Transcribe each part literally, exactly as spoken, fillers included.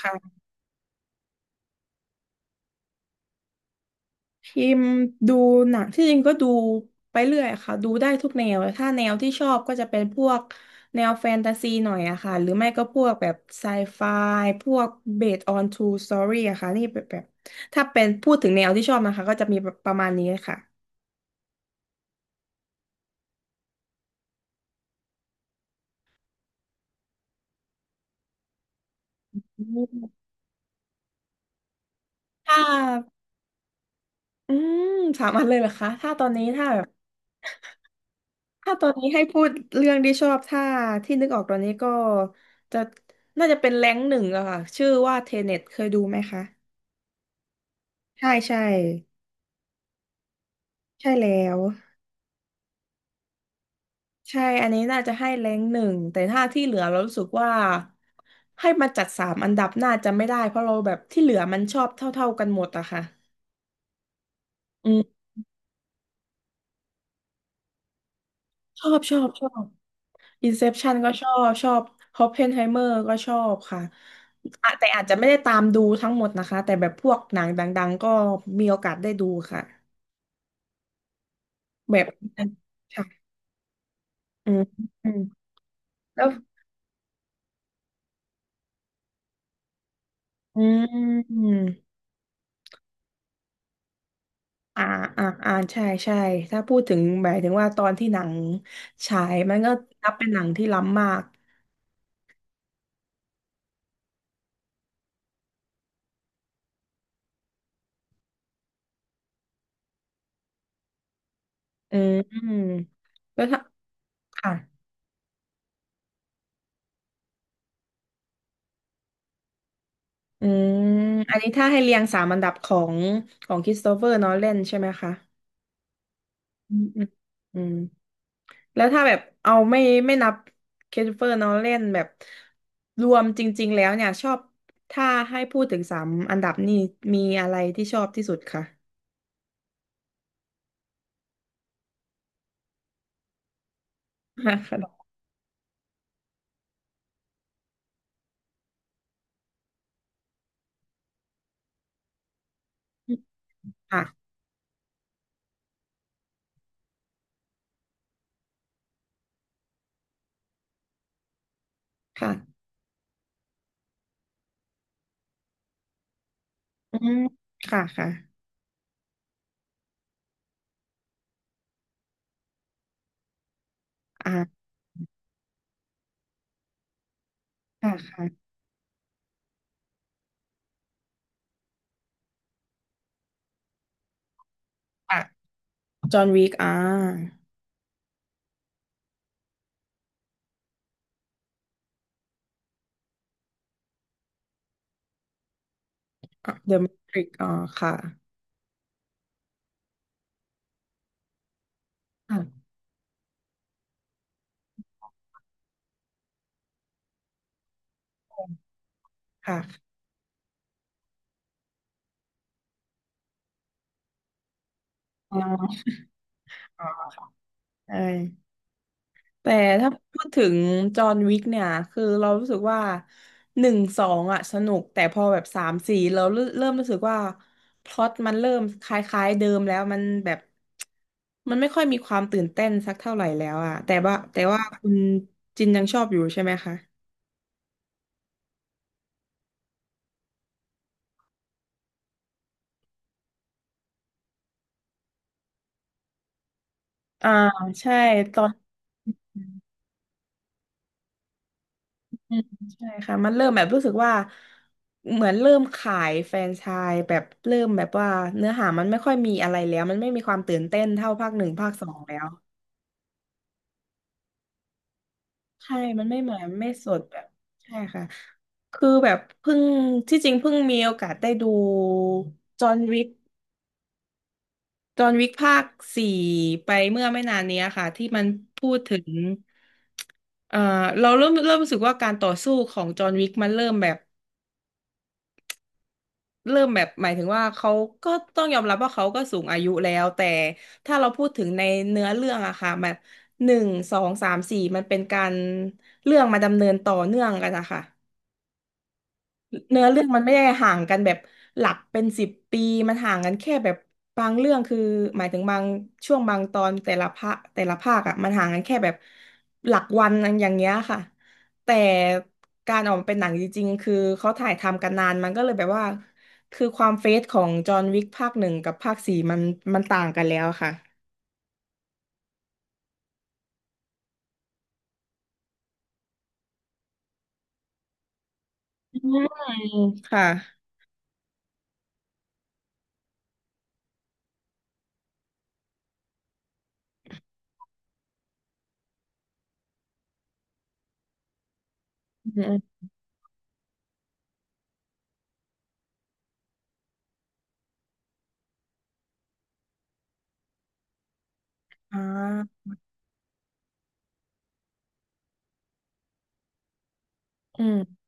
ค่ะพิมพ์ดูหนังที่จริงก็ดูไปเรื่อยค่ะดูได้ทุกแนวเลยถ้าแนวที่ชอบก็จะเป็นพวกแนวแฟนตาซีหน่อยอะค่ะหรือไม่ก็พวกแบบไซไฟพวก based on true story อะค่ะนี่แบบแบบถ้าเป็นพูดถึงแนวที่ชอบนะคะก็จะมีประมาณนี้ค่ะอืมถ้าอืมสามอันเลยเหรอคะถ้าตอนนี้ถ้าแบบถ้าตอนนี้ให้พูดเรื่องที่ชอบถ้าที่นึกออกตอนนี้ก็จะน่าจะเป็นแรงค์หนึ่งอะค่ะชื่อว่าเทเน็ตเคยดูไหมคะ ใช่ใช่ใช่แล้วใช่อันนี้น่าจะให้แรงหนึ่งแต่ถ้าที่เหลือเรารู้สึกว่าให้มาจัดสามอันดับน่าจะไม่ได้เพราะเราแบบที่เหลือมันชอบเท่าๆกันหมดอะค่ะอืมชอบชอบชอบ Inception ก็ชอบชอบ Oppenheimer ก็ชอบค่ะอะแต่อาจจะไม่ได้ตามดูทั้งหมดนะคะแต่แบบพวกหนังดังๆก็มีโอกาสได้ดูค่ะแบบค่ะอืมอืมแล้วอืม อ่าอ่าอ่าใช่ใช่ถ้าพูดถึงหมายถึงว่าตอนที่หนังฉายมันก็นับเป็นหนังที่ล้ำมากอืมอืมแล้วถ้าค่ะอืมอันนี้ถ้าให้เรียงสามอันดับของของคริสโตเฟอร์นอแลนใช่ไหมคะอืมอืมอืมแล้วถ้าแบบเอาไม่ไม่นับคริสโตเฟอร์นอแลนแบบรวมจริงๆแล้วเนี่ยชอบถ้าให้พูดถึงสามอันดับนี่มีอะไรที่ชอบที่สุดคะค่ะค่ะค่ะอืมค่ะค่ะ อ่าค่ะค่ะอ่ะจอห์นวิกอ่าะเดอะแมทริกอา The Matrix อาค่ะค่ะค่ะอ่าใช่แต่ถ้าพูดถึงจอห์นวิกเนี่ย คือเรารู้สึกว่า หนึ่งสองอ่ะสนุก แต่พอแบบสามสี่เราเริ่มเริ่มรู้สึกว่าพล็อตมันเริ่มคล้ายๆเดิมแล้วมันแบบ มันไม่ค่อยมีความตื่นเต้นสักเท่าไหร่แล้วอ่ะแต่ว่าแต่ว่าคุณจินยังชอบอยู่ใช่ไหมคะ อ่าใช่ตอน อืมใช่ค่ะมันเริ่มแบบรู้สึกว่าเหมือนเริ่มขายแฟรนไชส์แบบเริ่มแบบว่าเนื้อหามันไม่ค่อยมีอะไรแล้วมันไม่มีความตื่นเต้นเท่าภาคหนึ่งภาคสองแล้วใช่มันไม่เหมือนไม่สดแบบใช่ค่ะคือแบบเพิ่งที่จริงเพิ่งมีโอกาสได้ดูจอห์นวิกจอห์นวิกภาคสี่ไปเมื่อไม่นานเนี้ยค่ะที่มันพูดถึงเอ่อเราเริ่มเริ่มรู้สึกว่าการต่อสู้ของจอห์นวิกมันเริ่มแบบ เริ่มแบบหมายถึงว่าเขาก็ต้องยอมรับว่าเขาก็สูงอายุแล้วแต่ถ้าเราพูดถึงในเนื้อเรื่องอะค่ะมันหนึ่งสองสามสี่มันเป็นการเรื่องมาดำเนินต่อเนื่องกันอะค่ะ เนื้อเรื่องมันไม่ได้ห่างกันแบบหลักเป็นสิบปีมันห่างกันแค่แบบบางเรื่องคือหมายถึงบางช่วงบางตอนแต่ละภาคแต่ละภาคอ่ะมันห่างกันแค่แบบหลักวันอันอย่างเงี้ยค่ะแต่การออกมาเป็นหนังจริงๆคือเขาถ่ายทำกันนานมันก็เลยแบบว่าคือความเฟสของจอห์นวิกภาคหนึ่งกับภาคสี่มันมันต่างกันแล้วค่ะอืมค่ะอืมอ่าอืม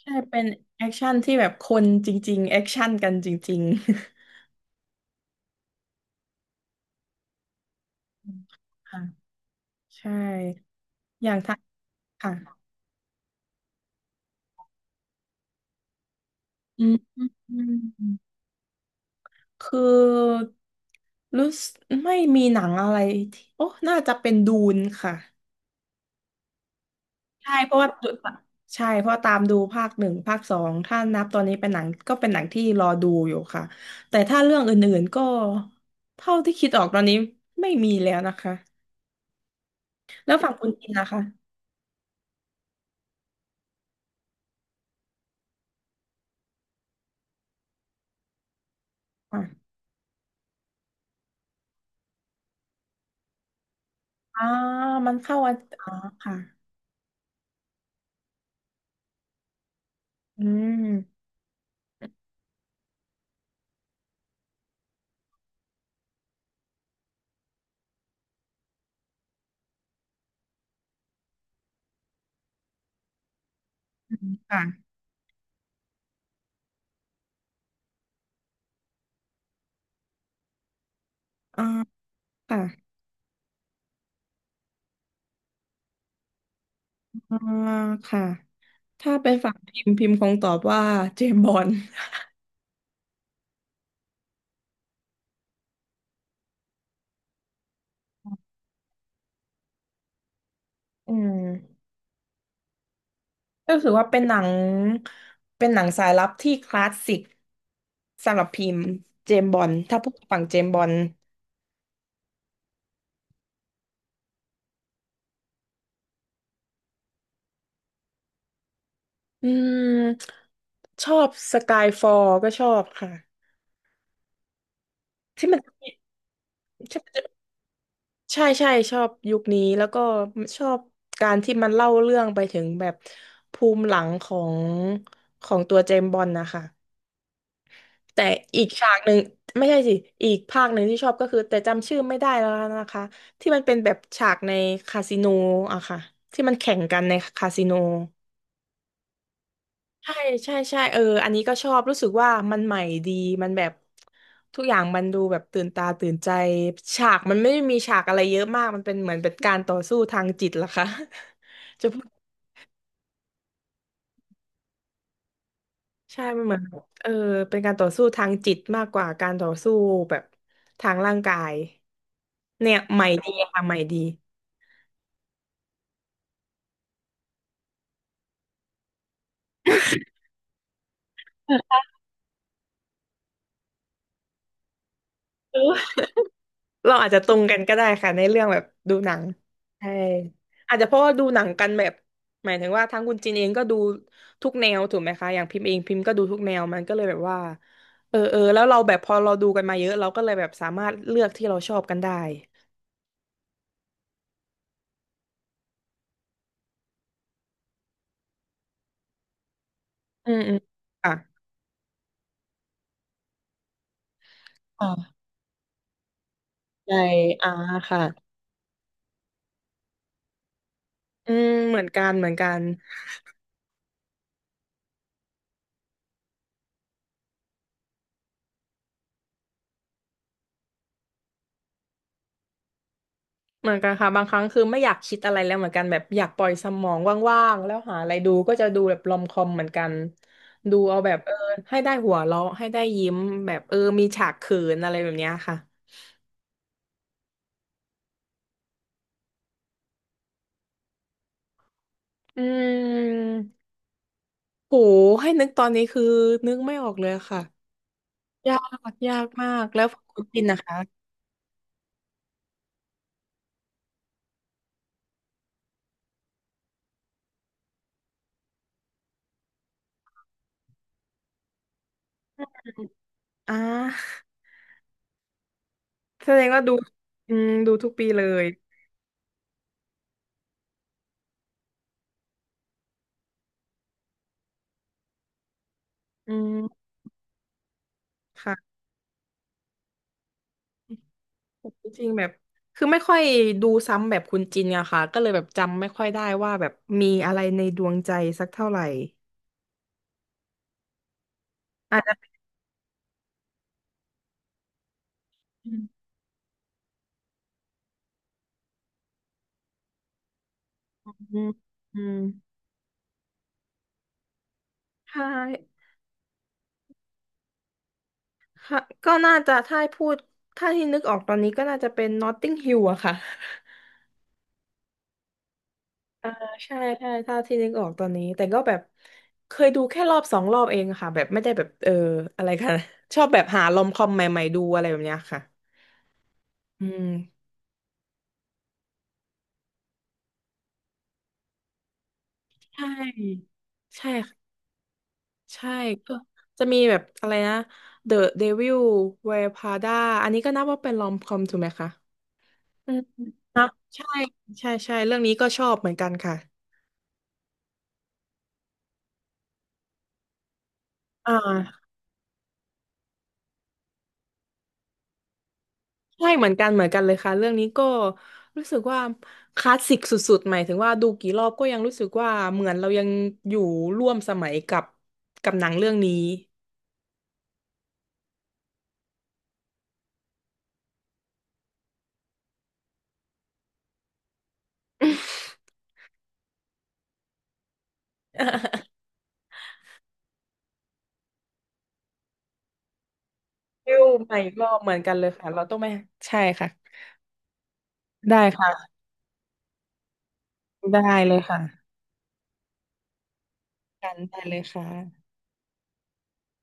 ใช่เป็นแอคชั่นที่แบบคนจริงๆแอคชั่นกันจริงๆ ค่ะใช่อย่างท้าค่ะอืมอืมอืมคือรู้สึกไม่มีหนังอะไรที่โอ้น่าจะเป็นดูนค่ะใช่เพราะว่าใช่เพราะตามดูภาคหนึ่งภาคสองถ้านับตอนนี้เป็นหนังก็เป็นหนังที่รอดูอยู่ค่ะแต่ถ้าเรื่องอื่นๆก็เท่าที่คิดออกตอนนี้ไม่มีแล้วนะคะแล้วฝั่งคุณกินนะคะอ่ะอ่ามันเข้าวันอ๋อค่ะอืมค่ะอ่าค่ะ อ่าค่ะถ้าเป็นฝั่งพิมพ์พิมพ์คงตอบว่าเจมส์บอนด์อืมก็คือว่าเป็นหนังเป็นหนังสายลับที่คลาสสิกสำหรับพิมพ์เจมส์บอนด์ถ้าพูดฝั่งเจมส์บอนด์อืมชอบสกายฟอลก็ชอบค่ะที่มันที่มันจะใช่ใช่ชอบยุคนี้แล้วก็ชอบการที่มันเล่าเรื่องไปถึงแบบภูมิหลังของของตัวเจมส์บอนด์นะคะ แต่อีกฉากหนึ่งไม่ใช่สิอีกภาคหนึ่งที่ชอบก็คือแต่จำชื่อไม่ได้แล้วนะคะที่มันเป็นแบบฉากในคาสิโนอะค่ะที่มันแข่งกันในคาสิโนใช่ใช่ใช่เอออันนี้ก็ชอบรู้สึกว่ามันใหม่ดีมันแบบทุกอย่างมันดูแบบตื่นตาตื่นใจฉากมันไม่ได้มีฉากอะไรเยอะมากมันเป็นเหมือนเป็นการต่อสู้ทางจิตล่ะค่ะ จะพูด ใช่มันเหมือนแบบเออเป็นการต่อสู้ทางจิตมากกว่าการต่อสู้แบบทางร่างกายเนี่ยใหม่ดีค่ะใหม่ดี เออเราอาจจะตรงกันก็ได้ค่ะในเรื่องแบบดูหนังใช่อาจจะเพราะว่าดูหนังกันแบบหมายถึงว่าทั้งคุณจินเองก็ดูทุกแนวถูกไหมคะอย่างพิมพ์เองพิมพ์ก็ดูทุกแนวมันก็เลยแบบว่าเออเออแล้วเราแบบพอเราดูกันมาเยอะเราก็เลยแบบสามารถเลือกที่เราชอบกันได้อืมอืมค่ะอ่าใช่อ่าค่ะ อืมเหมือนกันเหมือนกันเหมือนกันค่ะบางครั้งคือไม่อยากคิดอะไรแล้วเหมือนกันแบบอยากปล่อยสมองว่างๆแล้วหาอะไรดูก็จะดูแบบรอมคอมเหมือนกันดูเอาแบบเออให้ได้หัวเราะให้ได้ยิ้มแบบเออมีฉากเขินอะไรแบบเนี้ยค่ะอืมโหให้นึกตอนนี้คือนึกไม่ออกเลยค่ะยากยากมากแล้วคุณปินนะคะอ่าแสดงว่าดูอืมดูทุกปีเลยอืมค่ะ จริงๆแบบคือไม่ค่อยดูซ้ำแบบคุณจินอะค่ะก็เลยแบบจำไม่ค่อยได้ว่าแบบมีอะไรในดวงใจสักเท่าไหร่อาจจะอืมอืมอืมใช่ค่ะก็น่าจะถ้าให้พูดถ้าที่นึกออกตอนนี้ก็น่าจะเป็น Notting Hill อะค่ะใช่ใช่ถ้าที่นึกออกตอนนี้แต่ก็แบบเคยดูแค่รอบสองรอบเองค่ะแบบไม่ได้แบบเอออะไรค่ะ ชอบแบบหาลอมคอมใหม่ๆดูอะไรแบบเนี้ยค่ะอืมใช่ใช่ ใช่ก็จะมีแบบอะไรนะ The Devil Wears Prada อันนี้ก็นับว่าเป็นลอมคอมถูกไหมคะอืมนะใช่ใช่ใช่เรื่องนี้ก็ชอบเหมือนกันค่ะอ่าใช่เหมือนกันเหมือนกันเลยค่ะเรื่องนี้ก็รู้สึกว่าคลาสสิกสุดๆหมายถึงว่าดูกี่รอบก็ยังรู้สึกว่าเหมือนเรายังอยู่ร่วมสมัยกับกับหนังเรื่องนี้ ฟิล ใหม่รอบเหมือนกันเลยค่ะเราต้องไปใช่ค่ะได้ค่ะได้เลยค่ะกันได้เลยค่ะ